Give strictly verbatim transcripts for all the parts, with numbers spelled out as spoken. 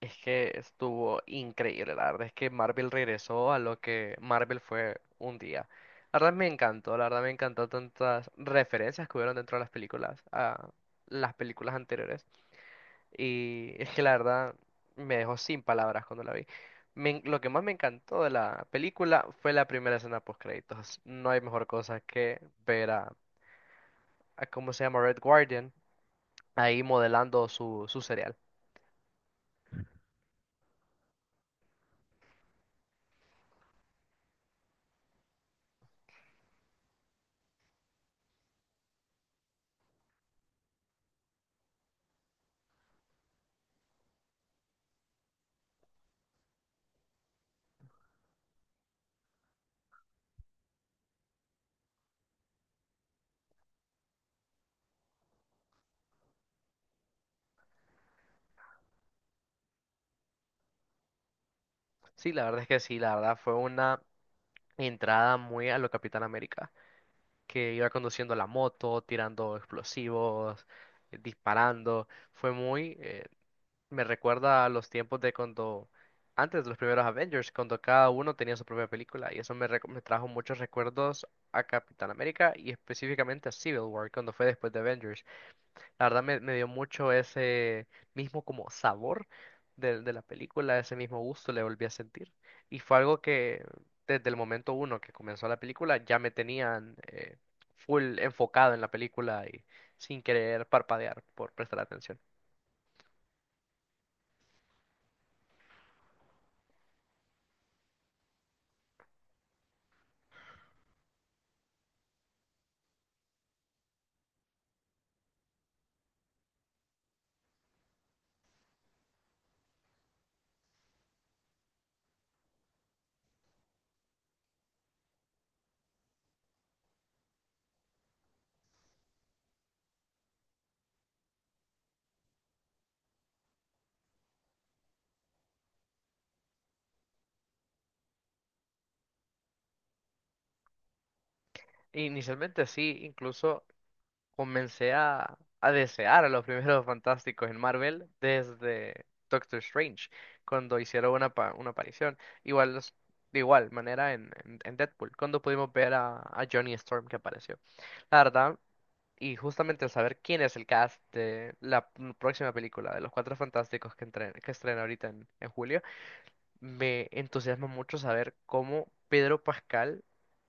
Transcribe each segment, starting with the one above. Es que estuvo increíble, la verdad es que Marvel regresó a lo que Marvel fue un día. La verdad me encantó, la verdad me encantó tantas referencias que hubieron dentro de las películas, a las películas anteriores. Y es que la verdad me dejó sin palabras cuando la vi. Me en- lo que más me encantó de la película fue la primera escena post créditos. No hay mejor cosa que ver a, a cómo se llama Red Guardian ahí modelando su, su cereal. Sí, la verdad es que sí, la verdad fue una entrada muy a lo Capitán América, que iba conduciendo la moto, tirando explosivos, eh, disparando. Fue muy, eh, me recuerda a los tiempos de cuando, antes de los primeros Avengers, cuando cada uno tenía su propia película, y eso me, reco- me trajo muchos recuerdos a Capitán América y específicamente a Civil War, cuando fue después de Avengers. La verdad me, me dio mucho ese mismo como sabor de, de la película, ese mismo gusto le volví a sentir. Y fue algo que desde el momento uno que comenzó la película ya me tenían eh, full enfocado en la película y sin querer parpadear por prestar atención. Inicialmente sí, incluso comencé a, a desear a los primeros fantásticos en Marvel desde Doctor Strange, cuando hicieron una, pa- una aparición. Igual, los- de igual manera en, en, en Deadpool, cuando pudimos ver a, a Johnny Storm que apareció. La verdad, y justamente el saber quién es el cast de la p- próxima película de los Cuatro Fantásticos que, entre- que estrena ahorita en, en julio. Me entusiasma mucho saber cómo Pedro Pascal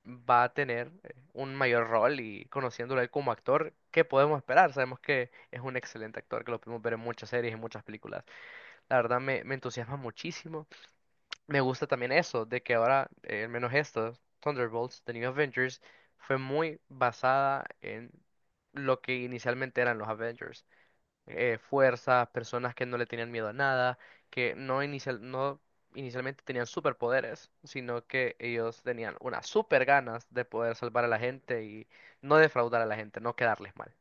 va a tener eh, un mayor rol y conociéndolo a él como actor, ¿qué podemos esperar? Sabemos que es un excelente actor, que lo podemos ver en muchas series y muchas películas. La verdad me, me entusiasma muchísimo. Me gusta también eso, de que ahora, eh, al menos esto, Thunderbolts, The New Avengers, fue muy basada en lo que inicialmente eran los Avengers, eh, fuerzas, personas que no le tenían miedo a nada, que no inicial, no inicialmente tenían superpoderes, sino que ellos tenían unas super ganas de poder salvar a la gente y no defraudar a la gente, no quedarles mal.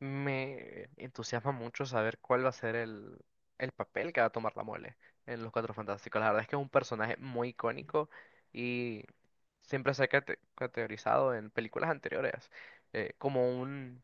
Me entusiasma mucho saber cuál va a ser el, el papel que va a tomar la mole en Los Cuatro Fantásticos. La verdad es que es un personaje muy icónico, siempre se ha cate- categorizado en películas anteriores, eh, como un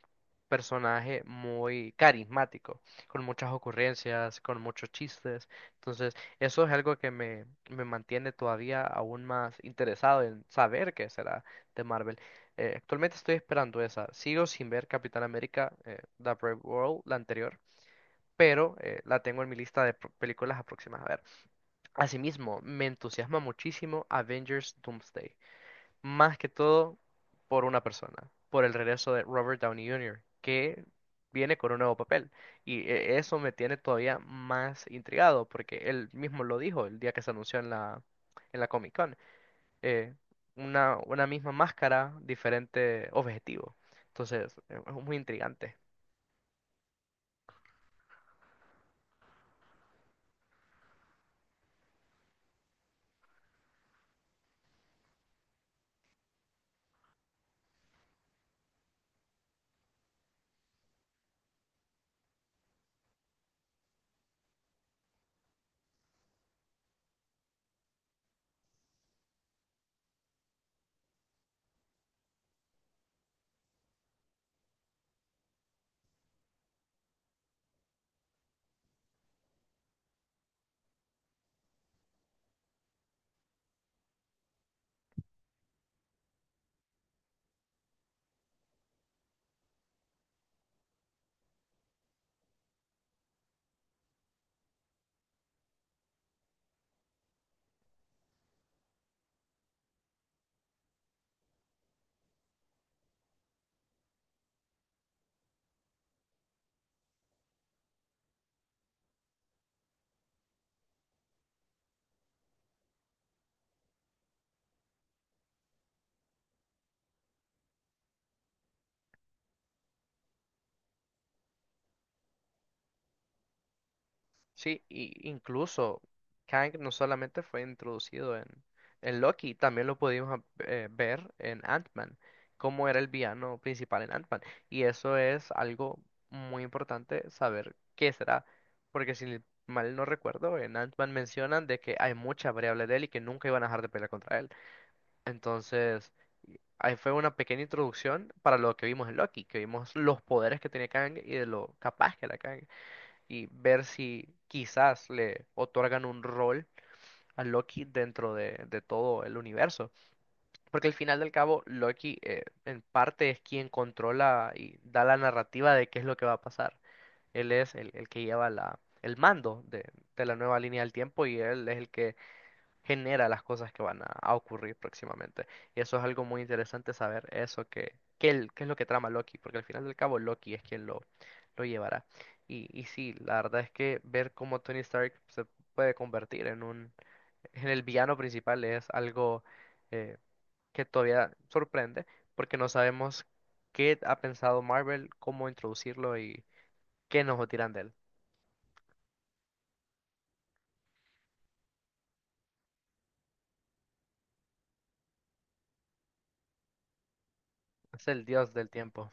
personaje muy carismático, con muchas ocurrencias, con muchos chistes. Entonces, eso es algo que me, me mantiene todavía aún más interesado en saber qué será de Marvel. Eh, actualmente estoy esperando esa. Sigo sin ver Capitán América, eh, The Brave World, la anterior. Pero eh, la tengo en mi lista de pro- películas aproximadas a ver. Asimismo, me entusiasma muchísimo Avengers Doomsday, más que todo por una persona, por el regreso de Robert Downey junior, que viene con un nuevo papel. Y eh, eso me tiene todavía más intrigado, porque él mismo lo dijo el día que se anunció en la, en la Comic Con. eh, una, una misma máscara, diferente objetivo. Entonces, eh, es muy intrigante. Sí, y incluso Kang no solamente fue introducido en, en Loki, también lo pudimos a- eh, ver en Ant-Man, cómo era el villano principal en Ant-Man. Y eso es algo muy importante saber qué será, porque si mal no recuerdo, en Ant-Man mencionan de que hay muchas variables de él y que nunca iban a dejar de pelear contra él. Entonces, y- ahí fue una pequeña introducción para lo que vimos en Loki, que vimos los poderes que tenía Kang y de lo capaz que era Kang, y ver si quizás le otorgan un rol a Loki dentro de, de todo el universo. Porque al final del cabo, Loki, eh, en parte es quien controla y da la narrativa de qué es lo que va a pasar. Él es el, el que lleva la, el mando de, de la nueva línea del tiempo y él es el que genera las cosas que van a, a ocurrir próximamente. Y eso es algo muy interesante saber, eso que, qué, el- qué es lo que trama Loki, porque al final del cabo Loki es quien lo, lo llevará. Y, y sí, la verdad es que ver cómo Tony Stark se puede convertir en un, en el villano principal es algo eh, que todavía sorprende, porque no sabemos qué ha pensado Marvel, cómo introducirlo y qué nos tiran de él. Es el dios del tiempo,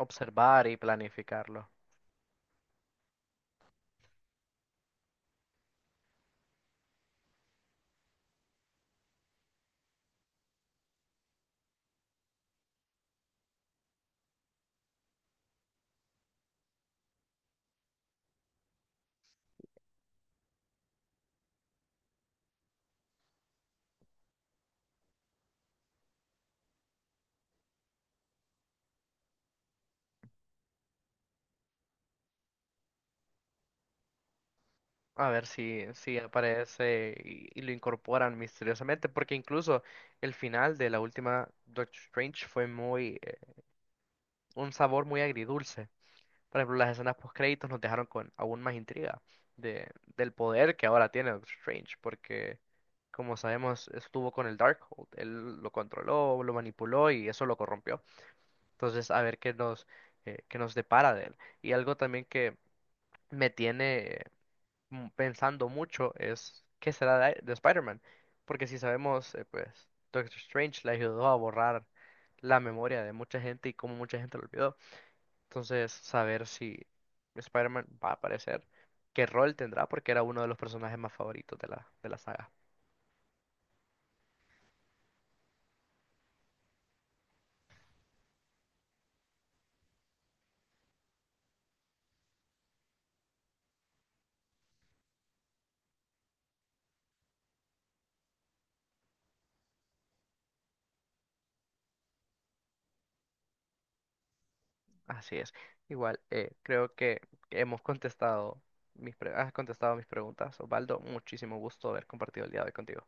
observar y planificarlo. A ver si, si aparece y, y lo incorporan misteriosamente, porque incluso el final de la última Doctor Strange fue muy, eh, un sabor muy agridulce. Por ejemplo, las escenas post créditos nos dejaron con aún más intriga de, del poder que ahora tiene Doctor Strange, porque como sabemos, estuvo con el Darkhold, él lo controló, lo manipuló y eso lo corrompió. Entonces, a ver qué nos, eh, qué nos depara de él. Y algo también que me tiene mm, pensando mucho es qué será de, de Spider-Man. Porque si sabemos, eh, pues Doctor Strange le ayudó a borrar la memoria de mucha gente y cómo mucha gente lo olvidó. Entonces, saber si Spider-Man va a aparecer, qué rol tendrá, porque era uno de los personajes más favoritos de la, de la saga. Así es. Igual, eh, creo que hemos contestado mis pre- has contestado mis preguntas, Osvaldo. Muchísimo gusto haber compartido el día de hoy contigo.